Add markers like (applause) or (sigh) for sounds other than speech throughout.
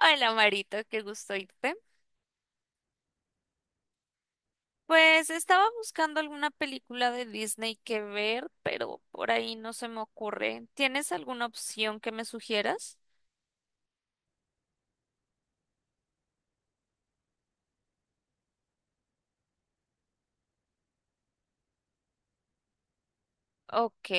Hola Marito, qué gusto irte. Pues estaba buscando alguna película de Disney que ver, pero por ahí no se me ocurre. ¿Tienes alguna opción que me sugieras? Ok.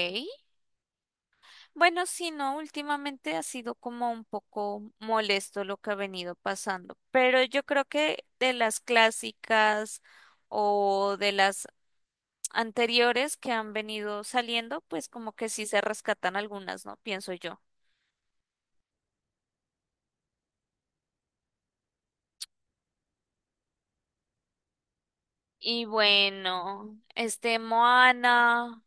Bueno, sí, no, últimamente ha sido como un poco molesto lo que ha venido pasando, pero yo creo que de las clásicas o de las anteriores que han venido saliendo, pues como que sí se rescatan algunas, ¿no? Pienso yo. Y bueno, Moana,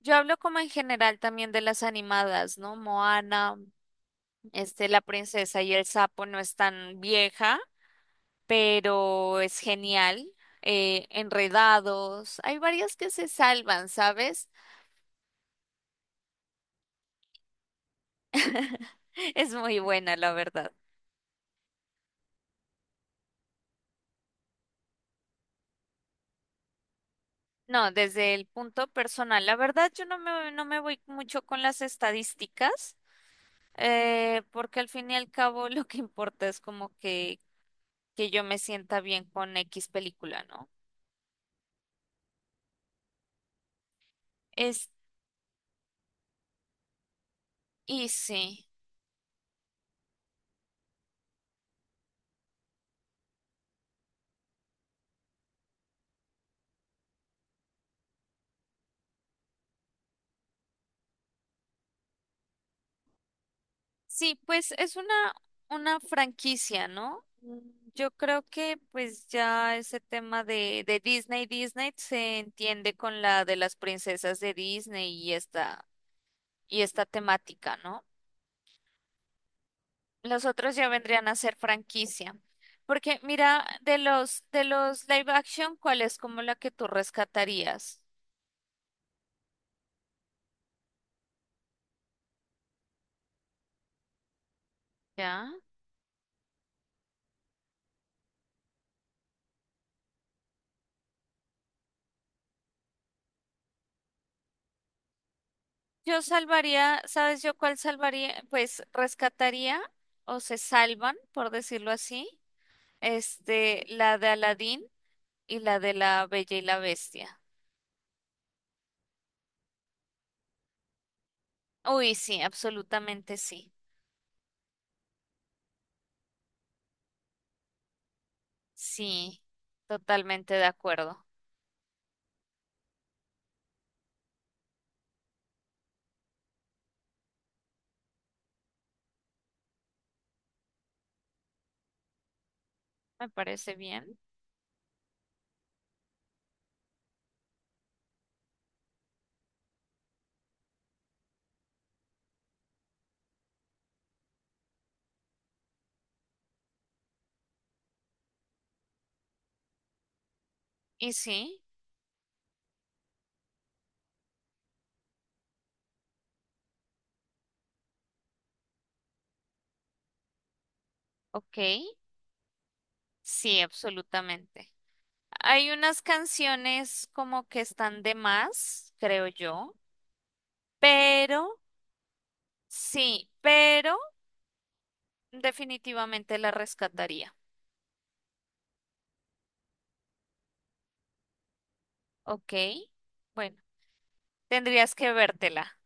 yo hablo como en general también de las animadas, ¿no? Moana, La princesa y el sapo no es tan vieja, pero es genial. Enredados, hay varias que se salvan, ¿sabes? (laughs) Es muy buena, la verdad. No, desde el punto personal, la verdad yo no me, no me voy mucho con las estadísticas, porque al fin y al cabo lo que importa es como que yo me sienta bien con X película, ¿no? Es Easy. Sí, sí, pues una franquicia, ¿no? Mm, yo creo que pues ya ese tema de Disney, Disney se entiende con la de las princesas de Disney y esta temática, ¿no? Los otros ya vendrían a ser franquicia. Porque mira, de los live action, ¿cuál es como la que tú rescatarías? ¿Ya? Yo salvaría, ¿sabes yo cuál salvaría? Pues rescataría o se salvan, por decirlo así, la de Aladín y la de la Bella y la Bestia. Uy, sí, absolutamente sí. Sí, totalmente de acuerdo. Me parece bien. Y sí, ok, sí, absolutamente. Hay unas canciones como que están de más, creo yo, pero sí, pero definitivamente la rescataría. Ok, bueno, tendrías que vértela.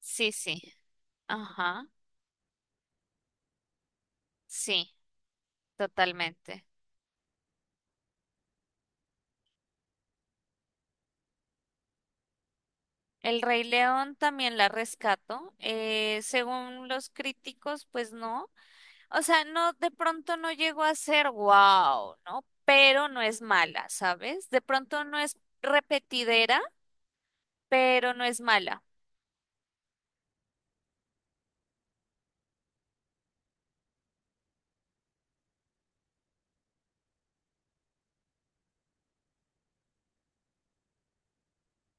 Sí, sí, ajá, sí, totalmente. El Rey León también la rescato. Según los críticos, pues no. O sea, no, de pronto no llegó a ser wow, ¿no? Pero no es mala, ¿sabes? De pronto no es repetidera, pero no es mala,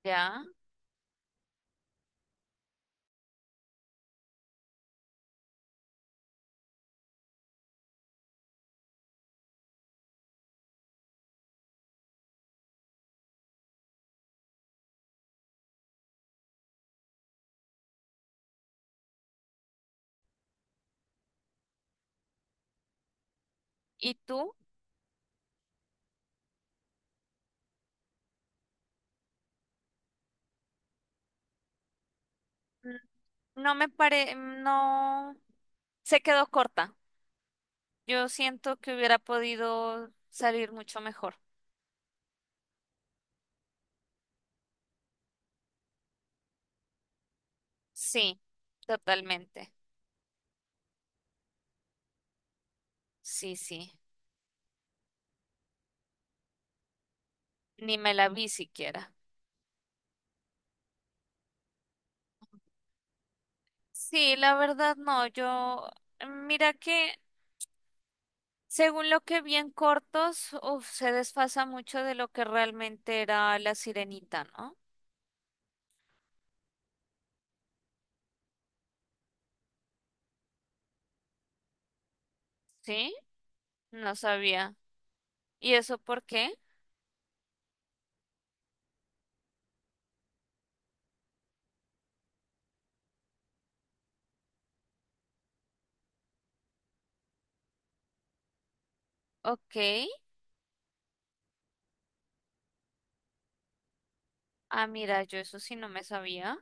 ¿ya? ¿Y tú? Mm, no, se quedó corta. Yo siento que hubiera podido salir mucho mejor. Sí, totalmente. Sí, sí. Ni me la vi siquiera. Sí, la verdad no. Yo, mira que según lo que vi en cortos, uf, se desfasa mucho de lo que realmente era la sirenita, ¿no? Sí, no sabía. ¿Y eso por qué? Ok. Ah, mira, yo eso sí no me sabía.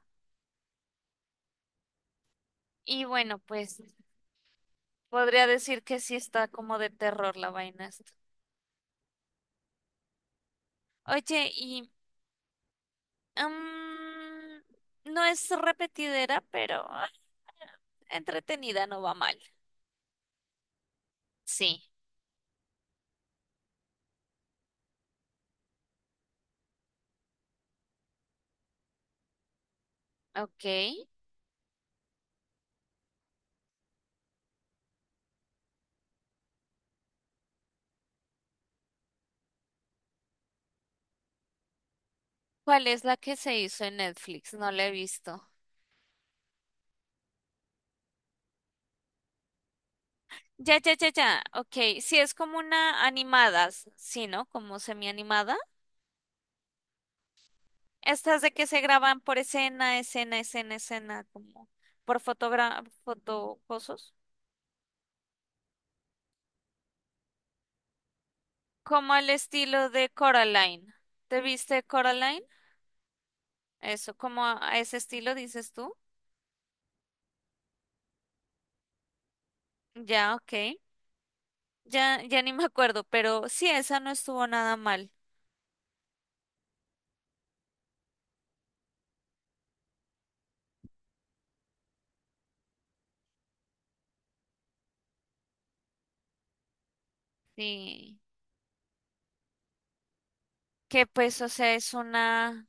Y bueno, pues podría decir que sí está como de terror la vaina esta. Oye, y mm, no es repetidera, pero ah, entretenida no va mal. Sí, ok. ¿Cuál es la que se hizo en Netflix? No la he visto. Ya, ya, ya, ya. Ok, sí, es como una animada, sí, ¿no? Como semi-animada. Estas de que se graban por escena, escena, escena, escena, como por fotogra fotocosos. Como al estilo de Coraline. ¿Te viste Coraline? Eso, como a ese estilo, dices tú. Ya, ok. Ya, ya ni me acuerdo, pero sí, esa no estuvo nada mal. Sí, que pues, o sea, es una,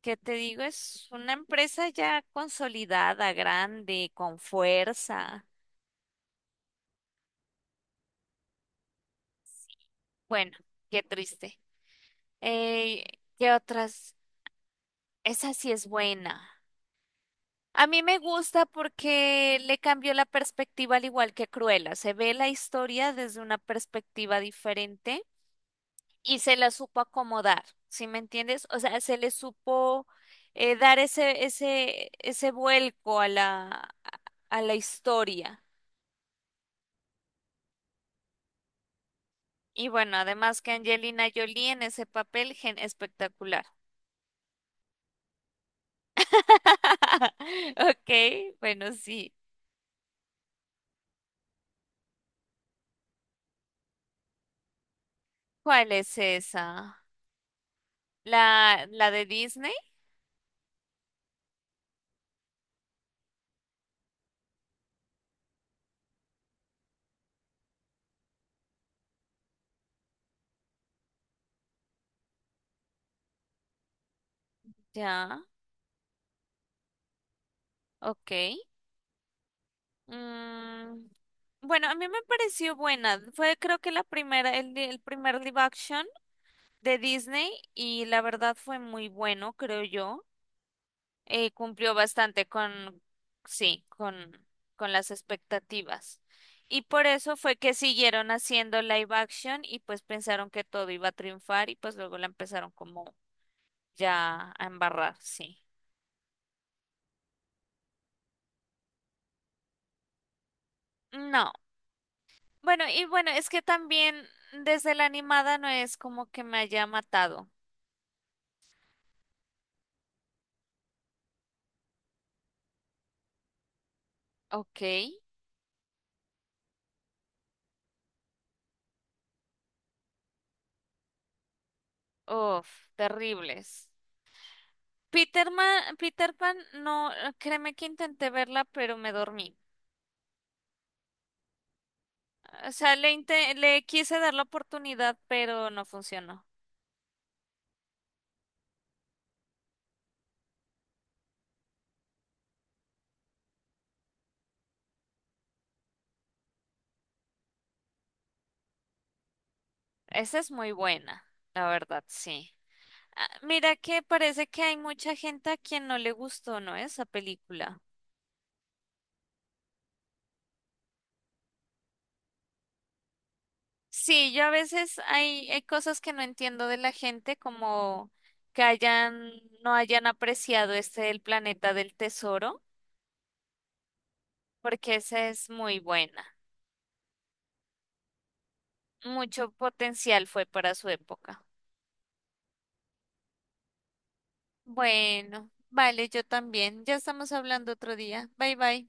¿qué te digo? Es una empresa ya consolidada, grande, con fuerza. Bueno, qué triste. Eh, ¿Qué otras? Esa sí es buena. A mí me gusta porque le cambió la perspectiva al igual que Cruella. Se ve la historia desde una perspectiva diferente y se la supo acomodar, ¿sí me entiendes? O sea, se le supo dar ese vuelco a la historia. Y bueno, además que Angelina Jolie en ese papel, gen espectacular. (laughs) Ok, bueno, sí. ¿Cuál es esa? ¿La de Disney? Ya, ok. Mm, bueno, a mí me pareció buena. Fue creo que la primera, el primer live action de Disney y la verdad fue muy bueno, creo yo. Eh, cumplió bastante con, sí, con las expectativas. Y por eso fue que siguieron haciendo live action y pues pensaron que todo iba a triunfar y pues luego la empezaron como ya a embarrar, sí. No. Bueno, y bueno, es que también desde la animada no es como que me haya matado. Ok. Uf, terribles. Peter Pan, no, créeme que intenté verla, pero me dormí. O sea, le quise dar la oportunidad, pero no funcionó. Esa es muy buena, la verdad, sí. Ah, mira que parece que hay mucha gente a quien no le gustó, ¿no? Esa película. Sí, yo a veces hay cosas que no entiendo de la gente, como que hayan, no hayan apreciado El planeta del tesoro, porque esa es muy buena. Mucho potencial fue para su época. Bueno, vale, yo también. Ya estamos hablando otro día. Bye bye.